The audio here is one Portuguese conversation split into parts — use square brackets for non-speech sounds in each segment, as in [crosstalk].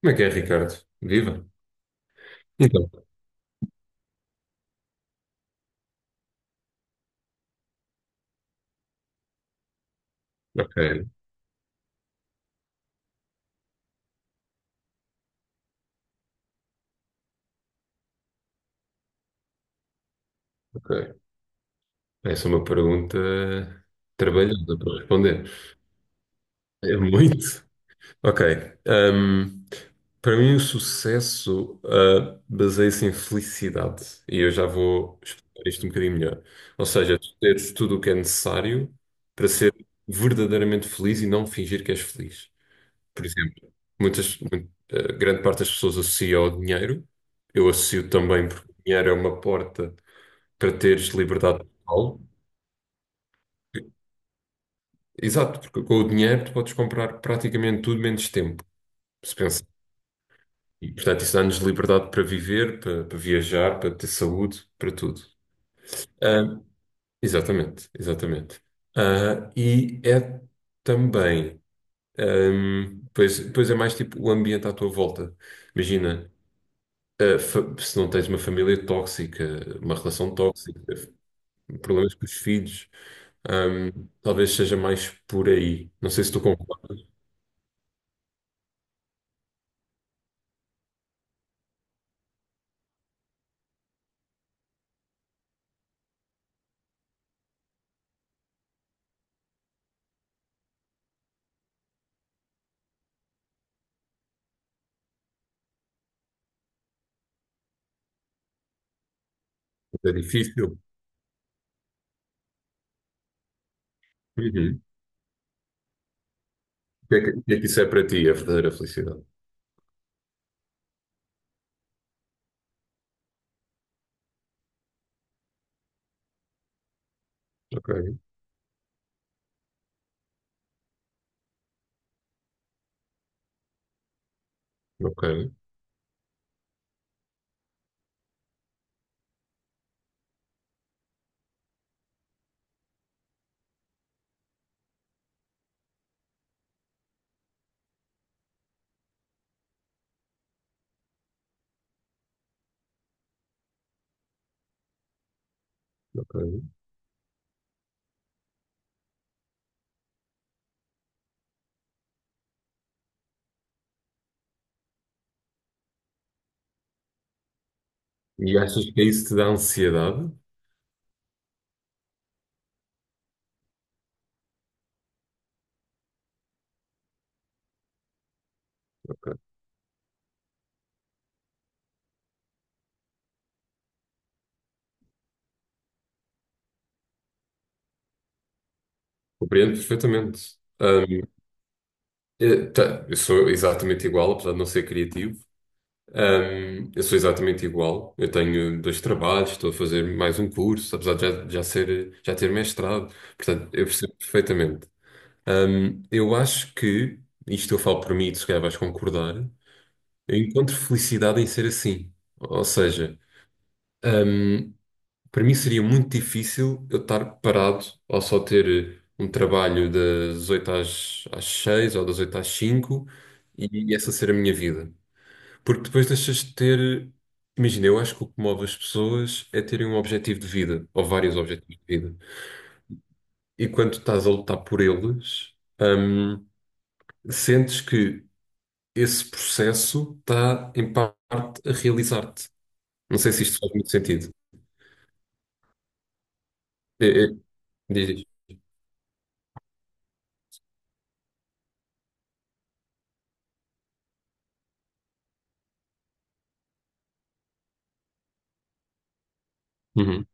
Como é que é, Ricardo? Viva? Então, ok, ok. Essa é uma pergunta trabalhosa para responder. É muito. Ok. hum, Para mim, o sucesso, baseia-se em felicidade. E eu já vou explicar isto um bocadinho melhor. Ou seja, tu teres tudo o que é necessário para ser verdadeiramente feliz e não fingir que és feliz. Por exemplo, muitas, mu- grande parte das pessoas associa ao dinheiro. Eu associo também porque o dinheiro é uma porta para teres liberdade total. Exato, porque com o dinheiro tu podes comprar praticamente tudo menos tempo, se pensar. E, portanto, isso dá-nos liberdade para viver, para viajar, para ter saúde, para tudo. Ah, Exatamente, exatamente. E é também, pois é mais tipo o ambiente à tua volta. Imagina, se não tens uma família tóxica, uma relação tóxica, problemas com os filhos. Talvez seja mais por aí. Não sei se tu concordas, mas é difícil. Uhum. O que é que isso é para ti, a verdadeira felicidade? Ok, ok, ok. E achas que isso te dá ansiedade? Compreendo perfeitamente. Hum, tá, eu sou exatamente igual, apesar de não ser criativo. Eu sou exatamente igual. Eu tenho dois trabalhos, estou a fazer mais um curso, apesar de já ter mestrado. Portanto, eu percebo perfeitamente. Eu acho que, isto eu falo por mim, e tu se calhar vais concordar, eu encontro felicidade em ser assim. Ou seja, hum, para mim seria muito difícil eu estar parado ou só ter um trabalho das 8 às 6 ou das 8 às 5, e essa ser a minha vida. Porque depois deixas de ter. Imagina, eu acho que o que move as pessoas é terem um objetivo de vida, ou vários objetivos de vida. E quando estás a lutar por eles, hum, sentes que esse processo está, em parte, a realizar-te. Não sei se isto faz muito sentido. É, é, diz, diz. Uhum.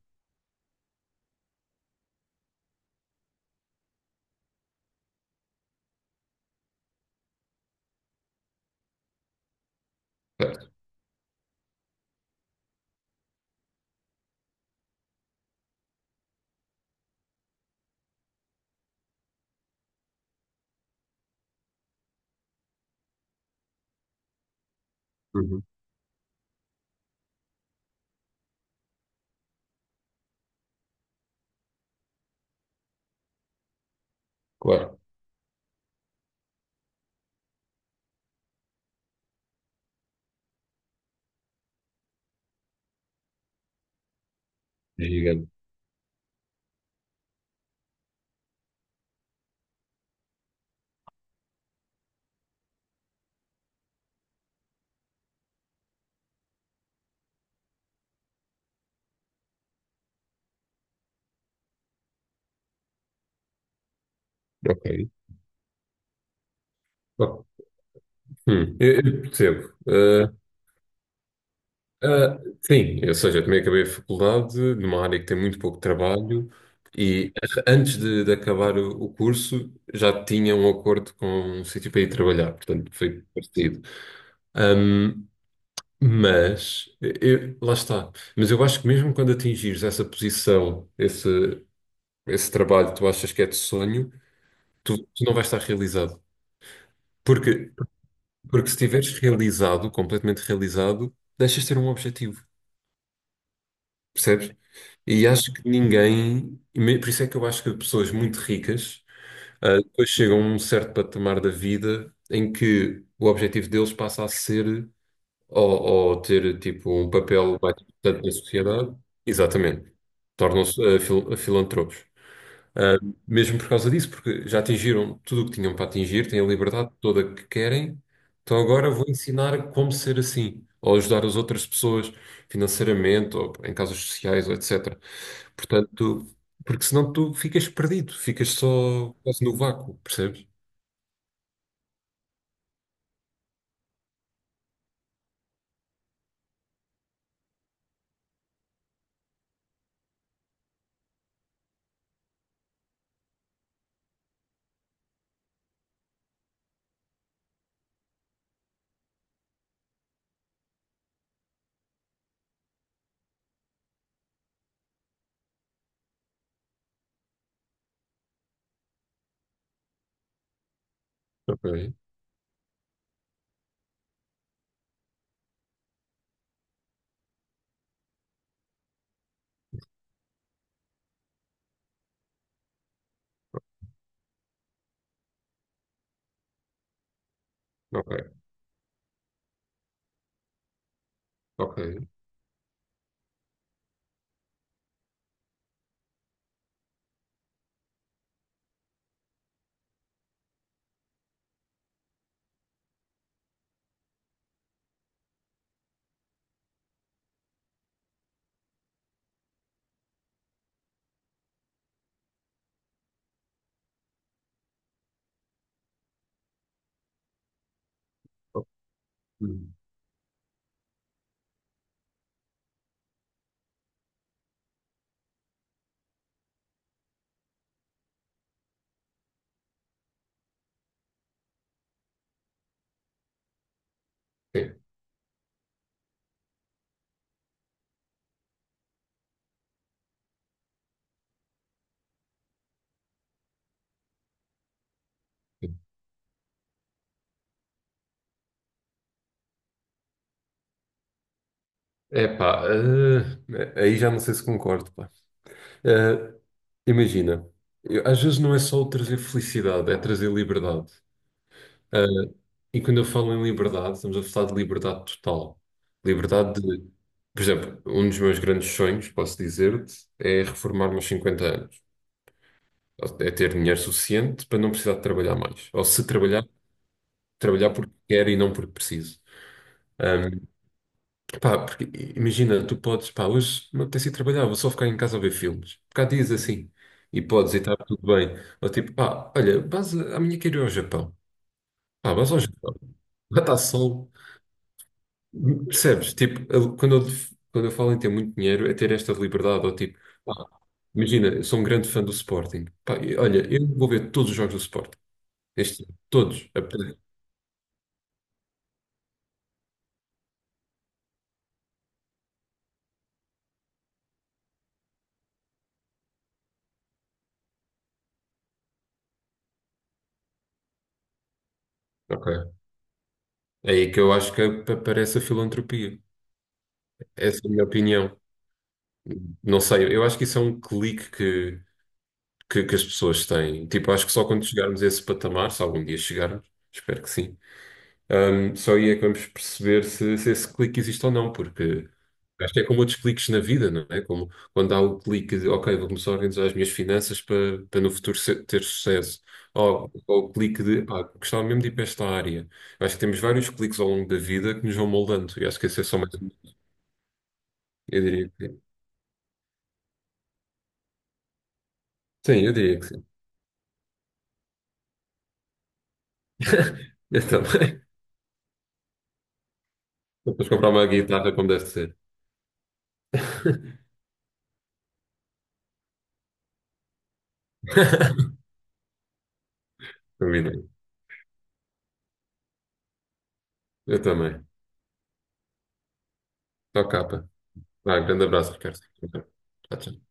Certo. Uhum. Claro. É gigante. Ok. Bom, eu percebo. Ah, sim, ou seja, eu também acabei a faculdade numa área que tem muito pouco trabalho, e de acabar o curso já tinha um acordo com um sítio para ir trabalhar, portanto foi parecido. Hum, Mas, lá está. Mas eu acho que mesmo quando atingires essa posição, esse trabalho que tu achas que é de sonho, tu não vais estar realizado. Porque, porque se estiveres realizado, completamente realizado, deixas de ter um objetivo, percebes? E acho que ninguém, por isso é que eu acho que pessoas muito ricas, depois chegam a um certo patamar da vida em que o objetivo deles passa a ser ou ter tipo um papel mais importante na sociedade, exatamente, tornam-se filantropos. Ah, Mesmo por causa disso, porque já atingiram tudo o que tinham para atingir, têm a liberdade toda que querem, então agora vou ensinar como ser assim, ou ajudar as outras pessoas financeiramente, ou em causas sociais, ou etcétera. Portanto, porque senão tu ficas perdido, ficas só quase no vácuo, percebes? Ok, ok, ok. Ok. Hum, Sim. É pá, aí já não sei se concordo, pá. Eh, Imagina, às vezes não é só o trazer felicidade, é trazer liberdade. Eh, e quando eu falo em liberdade, estamos a falar de liberdade total. Liberdade de, por exemplo, um dos meus grandes sonhos, posso dizer-te, é reformar-me aos 50 anos. É ter dinheiro suficiente para não precisar de trabalhar mais. Ou se trabalhar, trabalhar porque quero e não porque preciso. Pá, porque imagina, tu podes, pá, hoje não tens ido trabalhar, vou só ficar em casa a ver filmes. Porque há dias assim. E podes, e está tudo bem. Ou tipo, pá, olha, amanhã quero ir ao Japão. Pá, vais ao Japão. [laughs] Lá está sol. Percebes? Tipo, quando eu falo em ter muito dinheiro, é ter esta liberdade. Ou tipo, pá, imagina, eu sou um grande fã do Sporting. Pá, e olha, eu vou ver todos os jogos do Sporting. Este, ano, todos. Apetece. Ok. É aí que eu acho que aparece a filantropia. Essa é a minha opinião. Não sei, eu acho que isso é um clique que as pessoas têm. Tipo, acho que só quando chegarmos a esse patamar, se algum dia chegarmos, espero que sim, só aí é que vamos perceber se esse clique existe ou não, porque acho que é como outros cliques na vida, não é? Como quando há o clique de, ok, vou começar a organizar as minhas finanças para no futuro ter sucesso. Ou o clique de, pá, gostava mesmo de ir para esta área. Acho que temos vários cliques ao longo da vida que nos vão moldando, e acho que esse é só mais um. Eu diria que sim. Sim, eu diria que sim. [laughs] Eu também. Depois comprar uma guitarra como deve ser. [laughs] Combinado. Eu também. Tchau, capa. Vai, um grande abraço, Ricardo. Tchau, tchau.